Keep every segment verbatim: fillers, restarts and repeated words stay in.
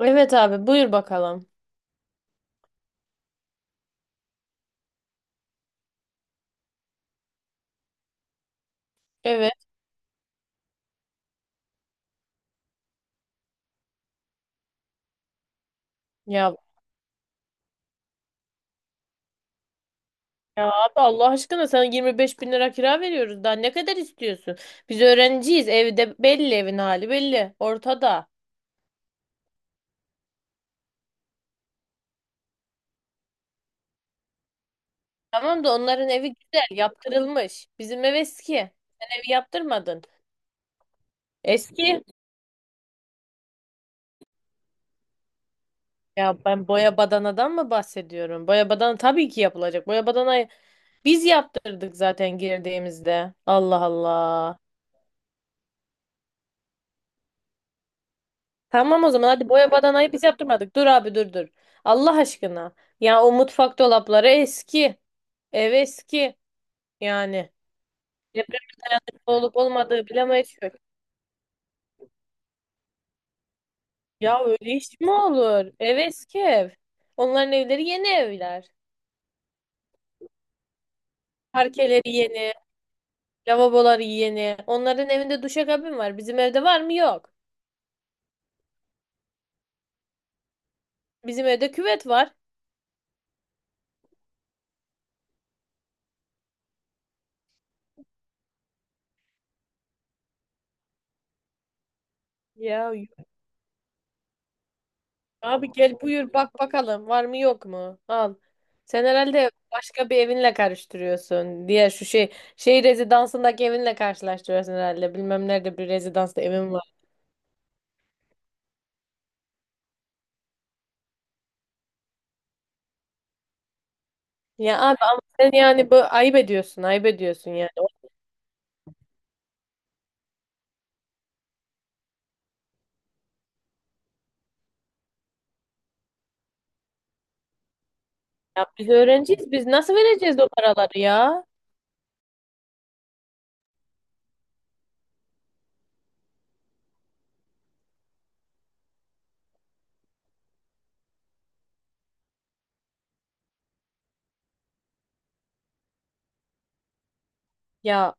Evet abi buyur bakalım. Evet. Ya, ya, abi, Allah aşkına, sana 25 bin lira kira veriyoruz. Daha ne kadar istiyorsun? Biz öğrenciyiz. Evde belli, evin hali belli. Ortada. Tamam da onların evi güzel yaptırılmış. Bizim ev eski. Sen evi yaptırmadın. Eski. Ya ben boya badanadan mı bahsediyorum? Boya badana tabii ki yapılacak. Boya badana biz yaptırdık zaten girdiğimizde. Allah Allah. Tamam, o zaman hadi boya badanayı biz yaptırmadık. Dur abi, dur dur. Allah aşkına. Ya, o mutfak dolapları eski. Ev eski. Yani deprem dayanıklı olup olmadığı bilemeyiz ki. Ya öyle iş mi olur? Ev eski ev. Onların evleri yeni evler. Parkeleri yeni, lavaboları yeni. Onların evinde duşakabin var. Bizim evde var mı? Yok. Bizim evde küvet var. Ya abi, gel buyur bak bakalım, var mı yok mu? Al. Sen herhalde başka bir evinle karıştırıyorsun. Diğer şu şey şey rezidansındaki evinle karşılaştırıyorsun herhalde. Bilmem nerede bir rezidansta evim var. Ya abi, ama sen yani bu ayıp ediyorsun, ayıp ediyorsun yani. Ya biz öğrenciyiz. Biz nasıl vereceğiz o paraları ya? Ya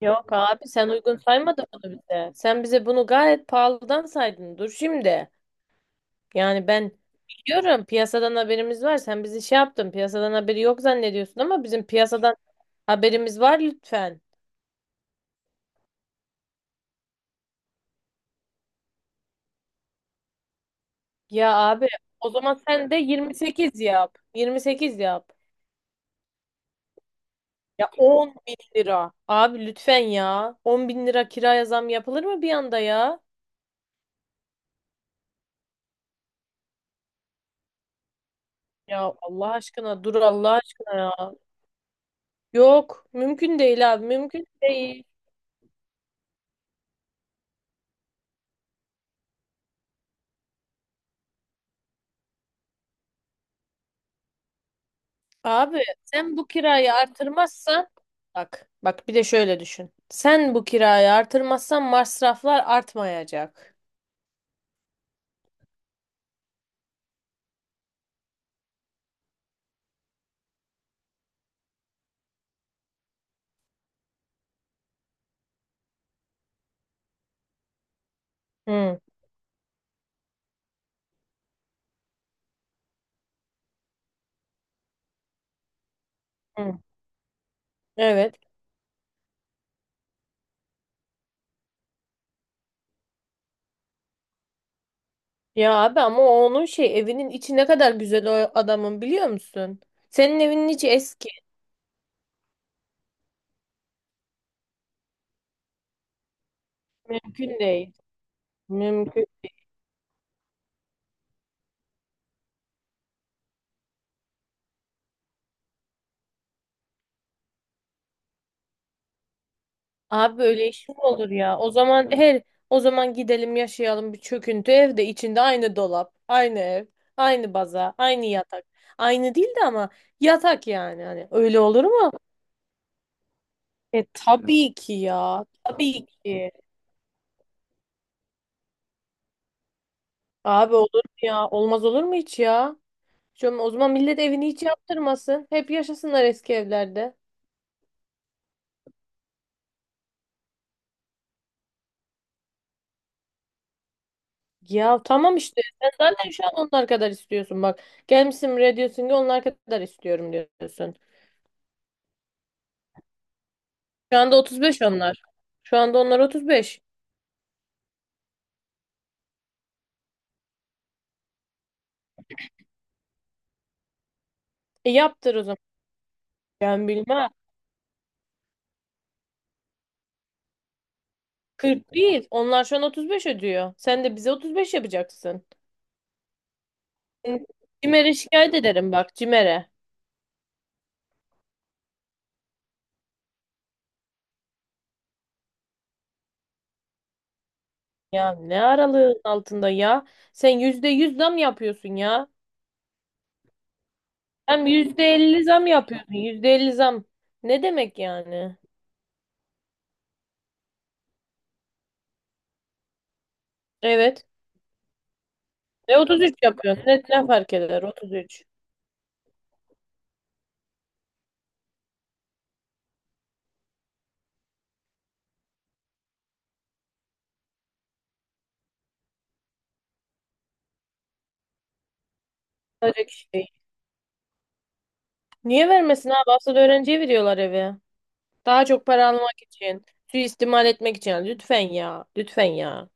yok abi, sen uygun saymadın bunu bize. Sen bize bunu gayet pahalıdan saydın. Dur şimdi. Yani ben biliyorum, piyasadan haberimiz var. Sen bizi şey yaptın, piyasadan haberi yok zannediyorsun ama bizim piyasadan haberimiz var, lütfen. Ya abi, o zaman sen de yirmi sekiz yap. yirmi sekiz yap. Ya, 10 bin lira. Abi lütfen ya. 10 bin lira kiraya zam yapılır mı bir anda ya? Ya Allah aşkına, dur Allah aşkına ya. Yok mümkün değil abi, mümkün değil. Abi, sen bu kirayı artırmazsan, bak bak bir de şöyle düşün. Sen bu kirayı artırmazsan masraflar artmayacak. Hı, hı. Evet. Ya abi, ama o onun şey evinin içi ne kadar güzel o adamın, biliyor musun? Senin evinin içi eski. Mümkün değil. Mümkün Abi böyle iş mi olur ya? O zaman her o zaman gidelim yaşayalım bir çöküntü evde, içinde aynı dolap, aynı ev, aynı baza, aynı yatak. Aynı değil de ama yatak, yani hani öyle olur mu? E tabii ki ya. Tabii ki. Abi olur mu ya? Olmaz olur mu hiç ya? Şu, o zaman millet evini hiç yaptırmasın. Hep yaşasınlar eski evlerde. Ya tamam işte. Sen zaten şu an onlar kadar istiyorsun bak. Gelmişsin buraya diyorsun ki onlar kadar istiyorum diyorsun. Şu anda otuz beş onlar. Şu anda onlar otuz beş. E yaptır o zaman. Ben bilmem. kırk değil. Onlar şu an otuz beş ödüyor. Sen de bize otuz beş yapacaksın. Cimer'e şikayet ederim, bak, Cimer'e. Ya ne aralığın altında ya? Sen yüzde yüz zam yapıyorsun ya. Hem yüzde elli zam yapıyorsun. Yüzde elli zam. Ne demek yani? Evet. E otuz üç yapıyorsun. Ne, ne fark eder otuz üç? Öyle bir şey. Niye vermesin abi? Asıl öğrenciye veriyorlar evi. Daha çok para almak için, suistimal etmek için. Lütfen ya, lütfen ya.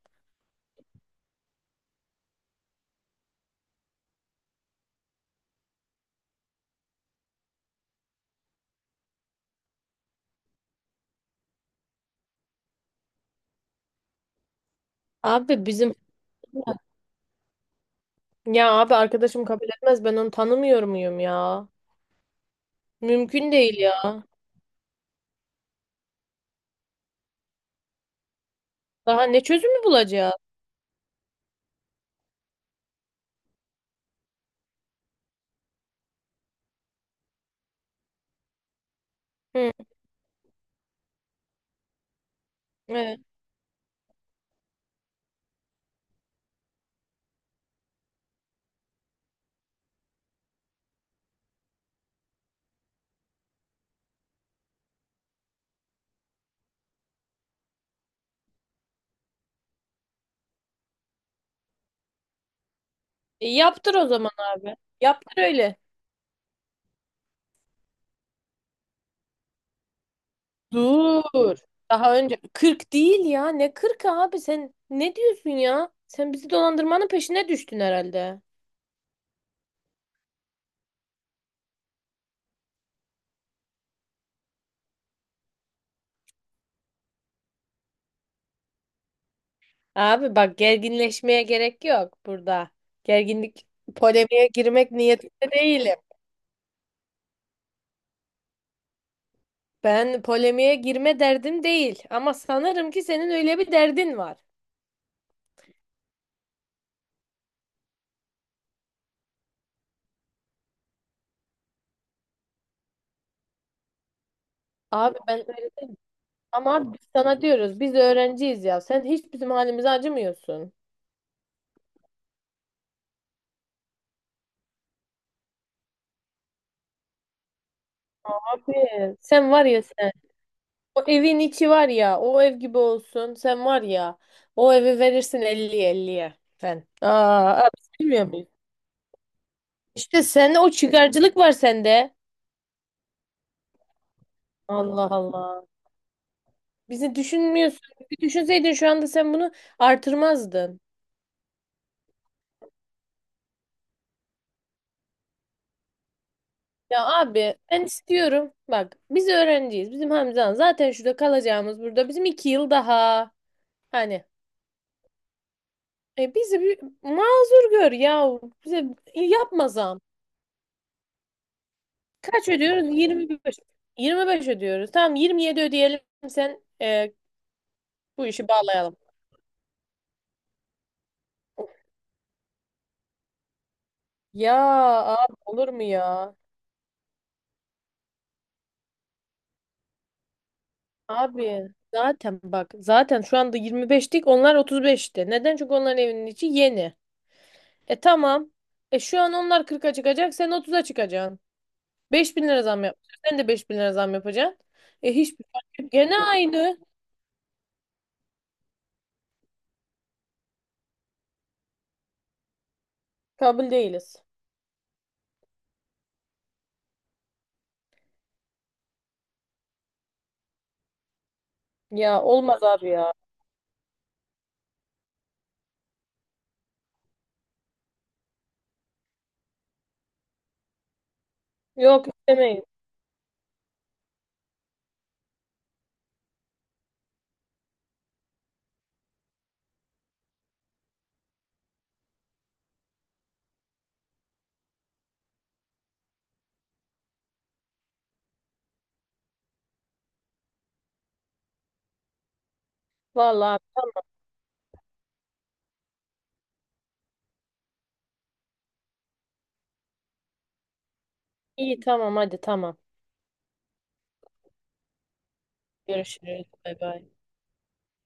Abi bizim Ya abi, arkadaşım kabul etmez, ben onu tanımıyor muyum ya? Mümkün değil ya. Daha ne çözümü bulacağız? Hı, evet. E, yaptır o zaman abi. Yaptır öyle. Dur. Daha önce kırk değil ya. Ne kırk abi, sen ne diyorsun ya? Sen bizi dolandırmanın peşine düştün herhalde. Abi bak, gerginleşmeye gerek yok burada. Gerginlik polemiğe girmek niyetinde değilim. Ben polemiğe girme derdim değil ama sanırım ki senin öyle bir derdin var. Abi ben öyle- Ama abi, biz sana diyoruz biz öğrenciyiz ya. Sen hiç bizim halimize acımıyorsun. Abi, sen var ya sen. O evin içi var ya, o ev gibi olsun. Sen var ya, o evi verirsin 50'ye, elliye. Sen. Aa, abi, bilmiyor muyum? İşte sende o çıkarcılık var, sende. Allah Allah. Bizi düşünmüyorsun. Bir düşünseydin şu anda sen bunu artırmazdın. Ya abi, ben istiyorum. Bak biz öğrenciyiz. Bizim Hamza'nın zaten şurada kalacağımız burada. Bizim iki yıl daha. Hani e, bizi bir mazur gör ya. Bize yapma zam. Kaç ödüyoruz? Yirmi beş. Yirmi beş ödüyoruz. Tamam, yirmi yedi ödeyelim. Sen e, bu işi bağlayalım. Ya abi, olur mu ya? Abi zaten bak, zaten şu anda yirmi beştik, onlar otuz beşti. Neden? Çünkü onların evinin içi yeni. E tamam. E şu an onlar kırka çıkacak, sen otuza çıkacaksın. beş bin lira zam yapacaksın. Sen de beş bin lira zam yapacaksın. E hiçbir fark yok. Gene aynı. Kabul değiliz. Ya olmaz abi ya. Yok istemeyiz. Vallahi abi, tamam. İyi tamam hadi tamam. Görüşürüz. Bay bay.